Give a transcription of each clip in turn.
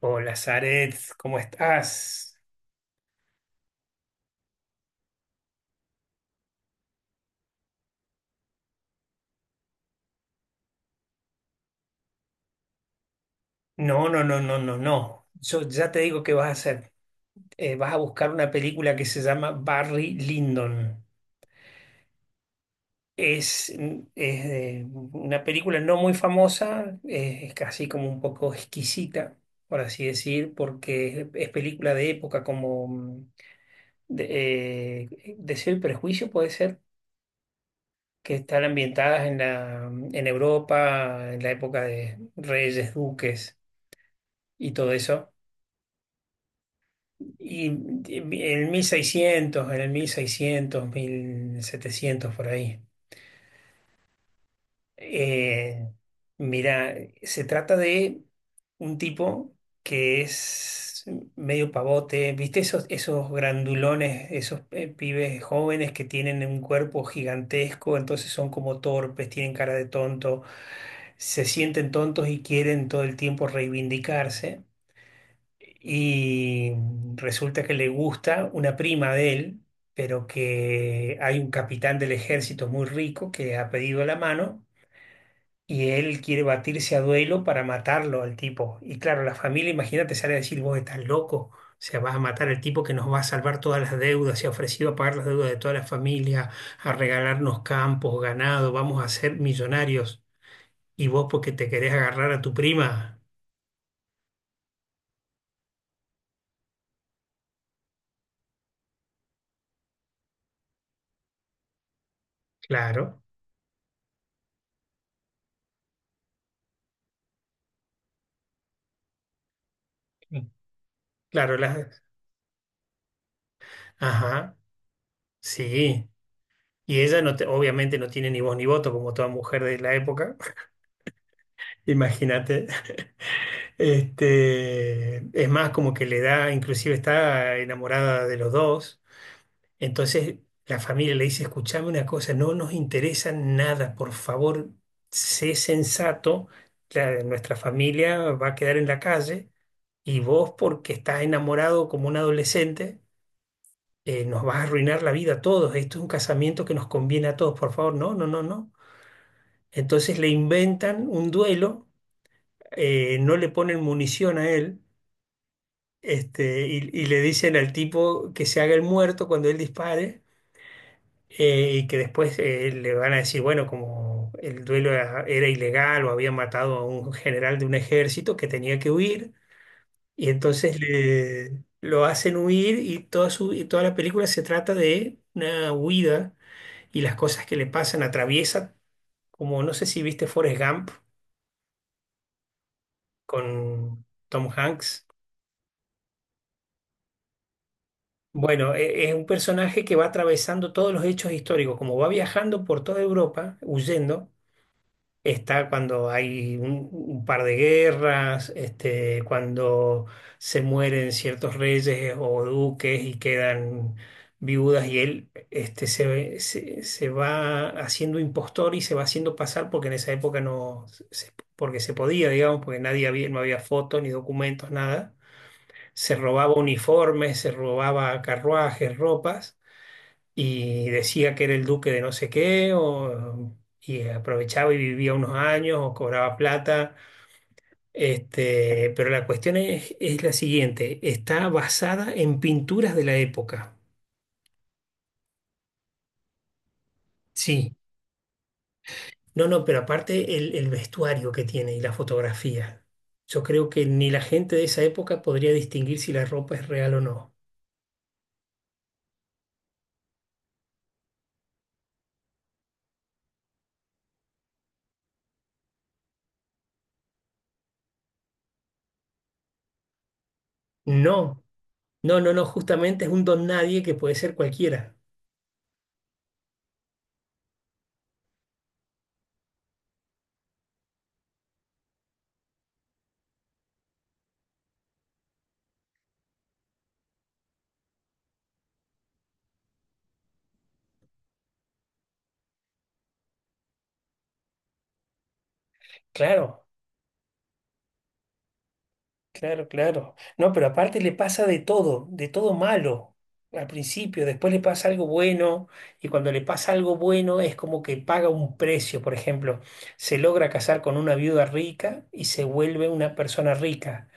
Hola, Zaret, ¿cómo estás? No, no, no, no, no, no. Yo ya te digo qué vas a hacer. Vas a buscar una película que se llama Barry Lyndon. Es, es de una película no muy famosa, es casi como un poco exquisita, por así decir, porque es película de época, como de, Deseo y Prejuicio puede ser, que están ambientadas en en Europa, en la época de reyes, duques y todo eso. En el 1600, 1700 por ahí. Eh, mira, se trata de un tipo que es medio pavote, ¿viste? Esos grandulones, esos pibes jóvenes que tienen un cuerpo gigantesco, entonces son como torpes, tienen cara de tonto, se sienten tontos y quieren todo el tiempo reivindicarse. Y resulta que le gusta una prima de él, pero que hay un capitán del ejército muy rico que ha pedido la mano y él quiere batirse a duelo para matarlo al tipo. Y claro, la familia, imagínate, sale a decir, vos estás loco, o sea, vas a matar al tipo que nos va a salvar todas las deudas, se ha ofrecido a pagar las deudas de toda la familia, a regalarnos campos, ganado, vamos a ser millonarios. Y vos porque te querés agarrar a tu prima, claro. Claro, las... Ajá. Sí, y ella obviamente no tiene ni voz ni voto como toda mujer de la época, imagínate. Este, es más como que le da, inclusive está enamorada de los dos, entonces la familia le dice, escuchame una cosa, no nos interesa nada, por favor, sé sensato, nuestra familia va a quedar en la calle y vos porque estás enamorado como un adolescente. Nos vas a arruinar la vida a todos, esto es un casamiento que nos conviene a todos, por favor, no, no, no, no. Entonces le inventan un duelo, no le ponen munición a él, y le dicen al tipo que se haga el muerto cuando él dispare, y que después le van a decir, bueno, como el duelo era ilegal o había matado a un general de un ejército que tenía que huir, y entonces le... Lo hacen huir y y toda la película se trata de una huida y las cosas que le pasan atraviesa, como no sé si viste Forrest Gump con Tom Hanks. Bueno, es un personaje que va atravesando todos los hechos históricos, como va viajando por toda Europa, huyendo. Está cuando hay un par de guerras, cuando se mueren ciertos reyes o duques y quedan viudas y él se va haciendo impostor y se va haciendo pasar porque en esa época no, porque se podía, digamos, porque nadie había, no había fotos ni documentos, nada. Se robaba uniformes, se robaba carruajes, ropas y decía que era el duque de no sé qué, o, y aprovechaba y vivía unos años o cobraba plata. Este, pero la cuestión es la siguiente, está basada en pinturas de la época. Sí, no, no, pero aparte el vestuario que tiene y la fotografía. Yo creo que ni la gente de esa época podría distinguir si la ropa es real o no. No, no, no, no, justamente es un don nadie que puede ser cualquiera. Claro. Claro, claro. No, pero aparte le pasa de todo malo al principio, después le pasa algo bueno y cuando le pasa algo bueno es como que paga un precio, por ejemplo, se logra casar con una viuda rica y se vuelve una persona rica,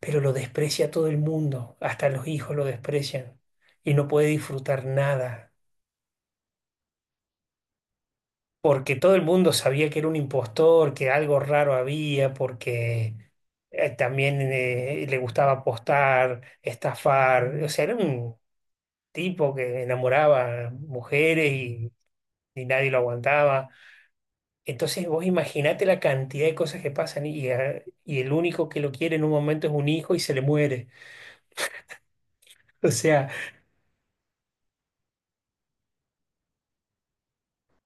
pero lo desprecia todo el mundo, hasta los hijos lo desprecian y no puede disfrutar nada. Porque todo el mundo sabía que era un impostor, que algo raro había, porque también le gustaba apostar, estafar, o sea, era un tipo que enamoraba mujeres y nadie lo aguantaba. Entonces vos imaginate la cantidad de cosas que pasan y el único que lo quiere en un momento es un hijo y se le muere. O sea,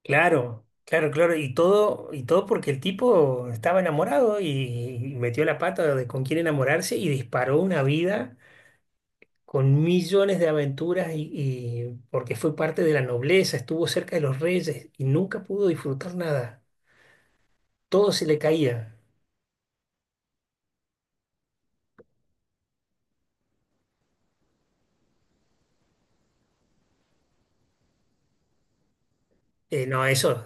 claro, claro, claro. Y todo porque el tipo estaba enamorado y metió la pata de con quién enamorarse y disparó una vida con millones de aventuras y porque fue parte de la nobleza, estuvo cerca de los reyes y nunca pudo disfrutar nada. Todo se le caía. No, eso.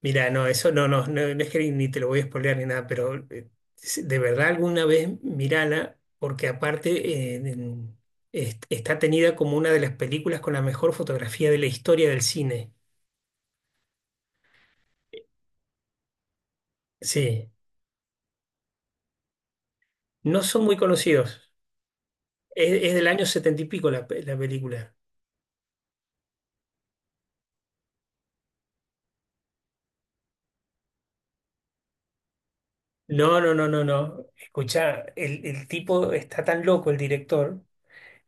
Mira, no, eso no, no, no, no es que ni te lo voy a spoilear ni nada, pero de verdad alguna vez mírala, porque aparte eh, en- está tenida como una de las películas con la mejor fotografía de la historia del cine. Sí, no son muy conocidos. Es del año setenta y pico la película. No, no, no, no, no. Escuchá, el tipo está tan loco, el director,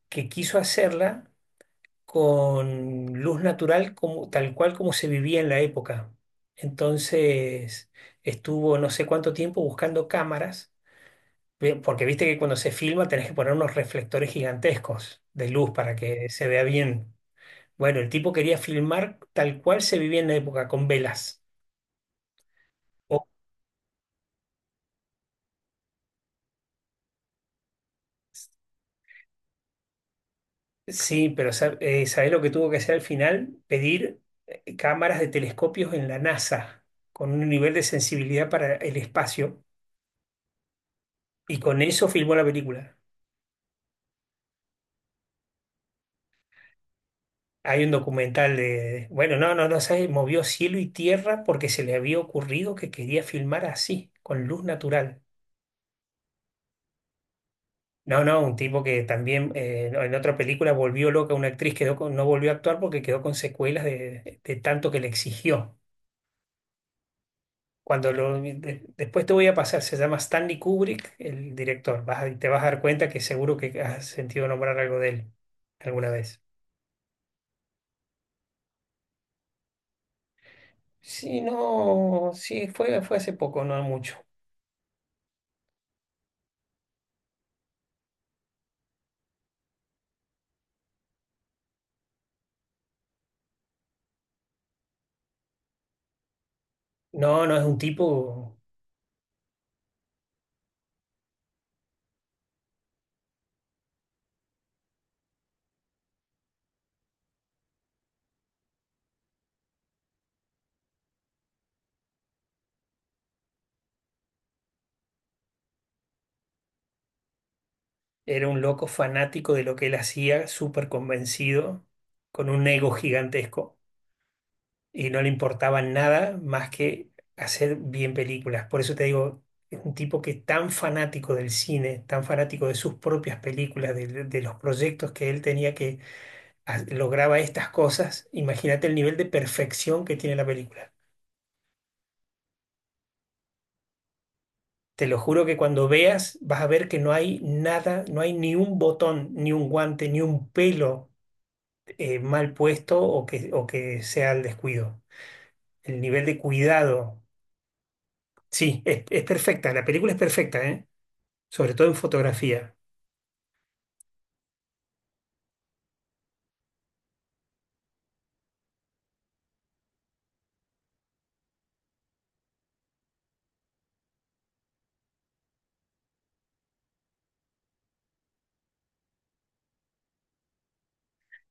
que quiso hacerla con luz natural como, tal cual como se vivía en la época. Entonces estuvo no sé cuánto tiempo buscando cámaras, porque viste que cuando se filma tenés que poner unos reflectores gigantescos de luz para que se vea bien. Bueno, el tipo quería filmar tal cual se vivía en la época, con velas. O- sí, pero ¿sabés lo que tuvo que hacer al final? Pedir cámaras de telescopios en la NASA, con un nivel de sensibilidad para el espacio, y con eso filmó la película. Hay un documental de, bueno, no, no, no sé, movió cielo y tierra porque se le había ocurrido que quería filmar así, con luz natural. No, no, un tipo que también no, en otra película volvió loca a una actriz, quedó no volvió a actuar porque quedó con secuelas de tanto que le exigió. Cuando lo, después te voy a pasar, se llama Stanley Kubrick, el director. Te vas a dar cuenta que seguro que has sentido nombrar algo de él alguna vez. Sí, no, sí, fue hace poco, no mucho. No, no, es un tipo. Era un loco fanático de lo que él hacía, súper convencido, con un ego gigantesco y no le importaba nada más que hacer bien películas. Por eso te digo, es un tipo que tan fanático del cine, tan fanático de sus propias películas, de los proyectos que él tenía que lograba estas cosas. Imagínate el nivel de perfección que tiene la película. Te lo juro que cuando veas vas a ver que no hay nada, no hay ni un botón, ni un guante, ni un pelo mal puesto o o que sea el descuido. El nivel de cuidado, sí, es perfecta, la película es perfecta, ¿eh? Sobre todo en fotografía,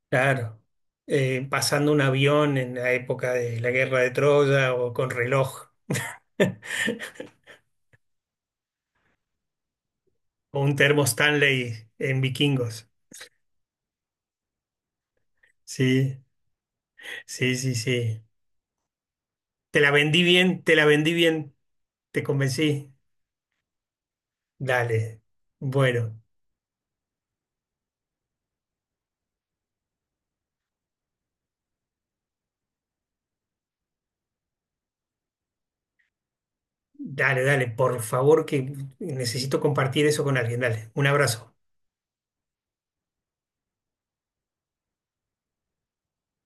claro. Pasando un avión en la época de la guerra de Troya o con reloj o un termo Stanley en Vikingos. Sí, sí, sí, sí. Te la vendí bien, te la vendí bien, te convencí. Dale. Bueno. Dale, dale, por favor, que necesito compartir eso con alguien. Dale, un abrazo.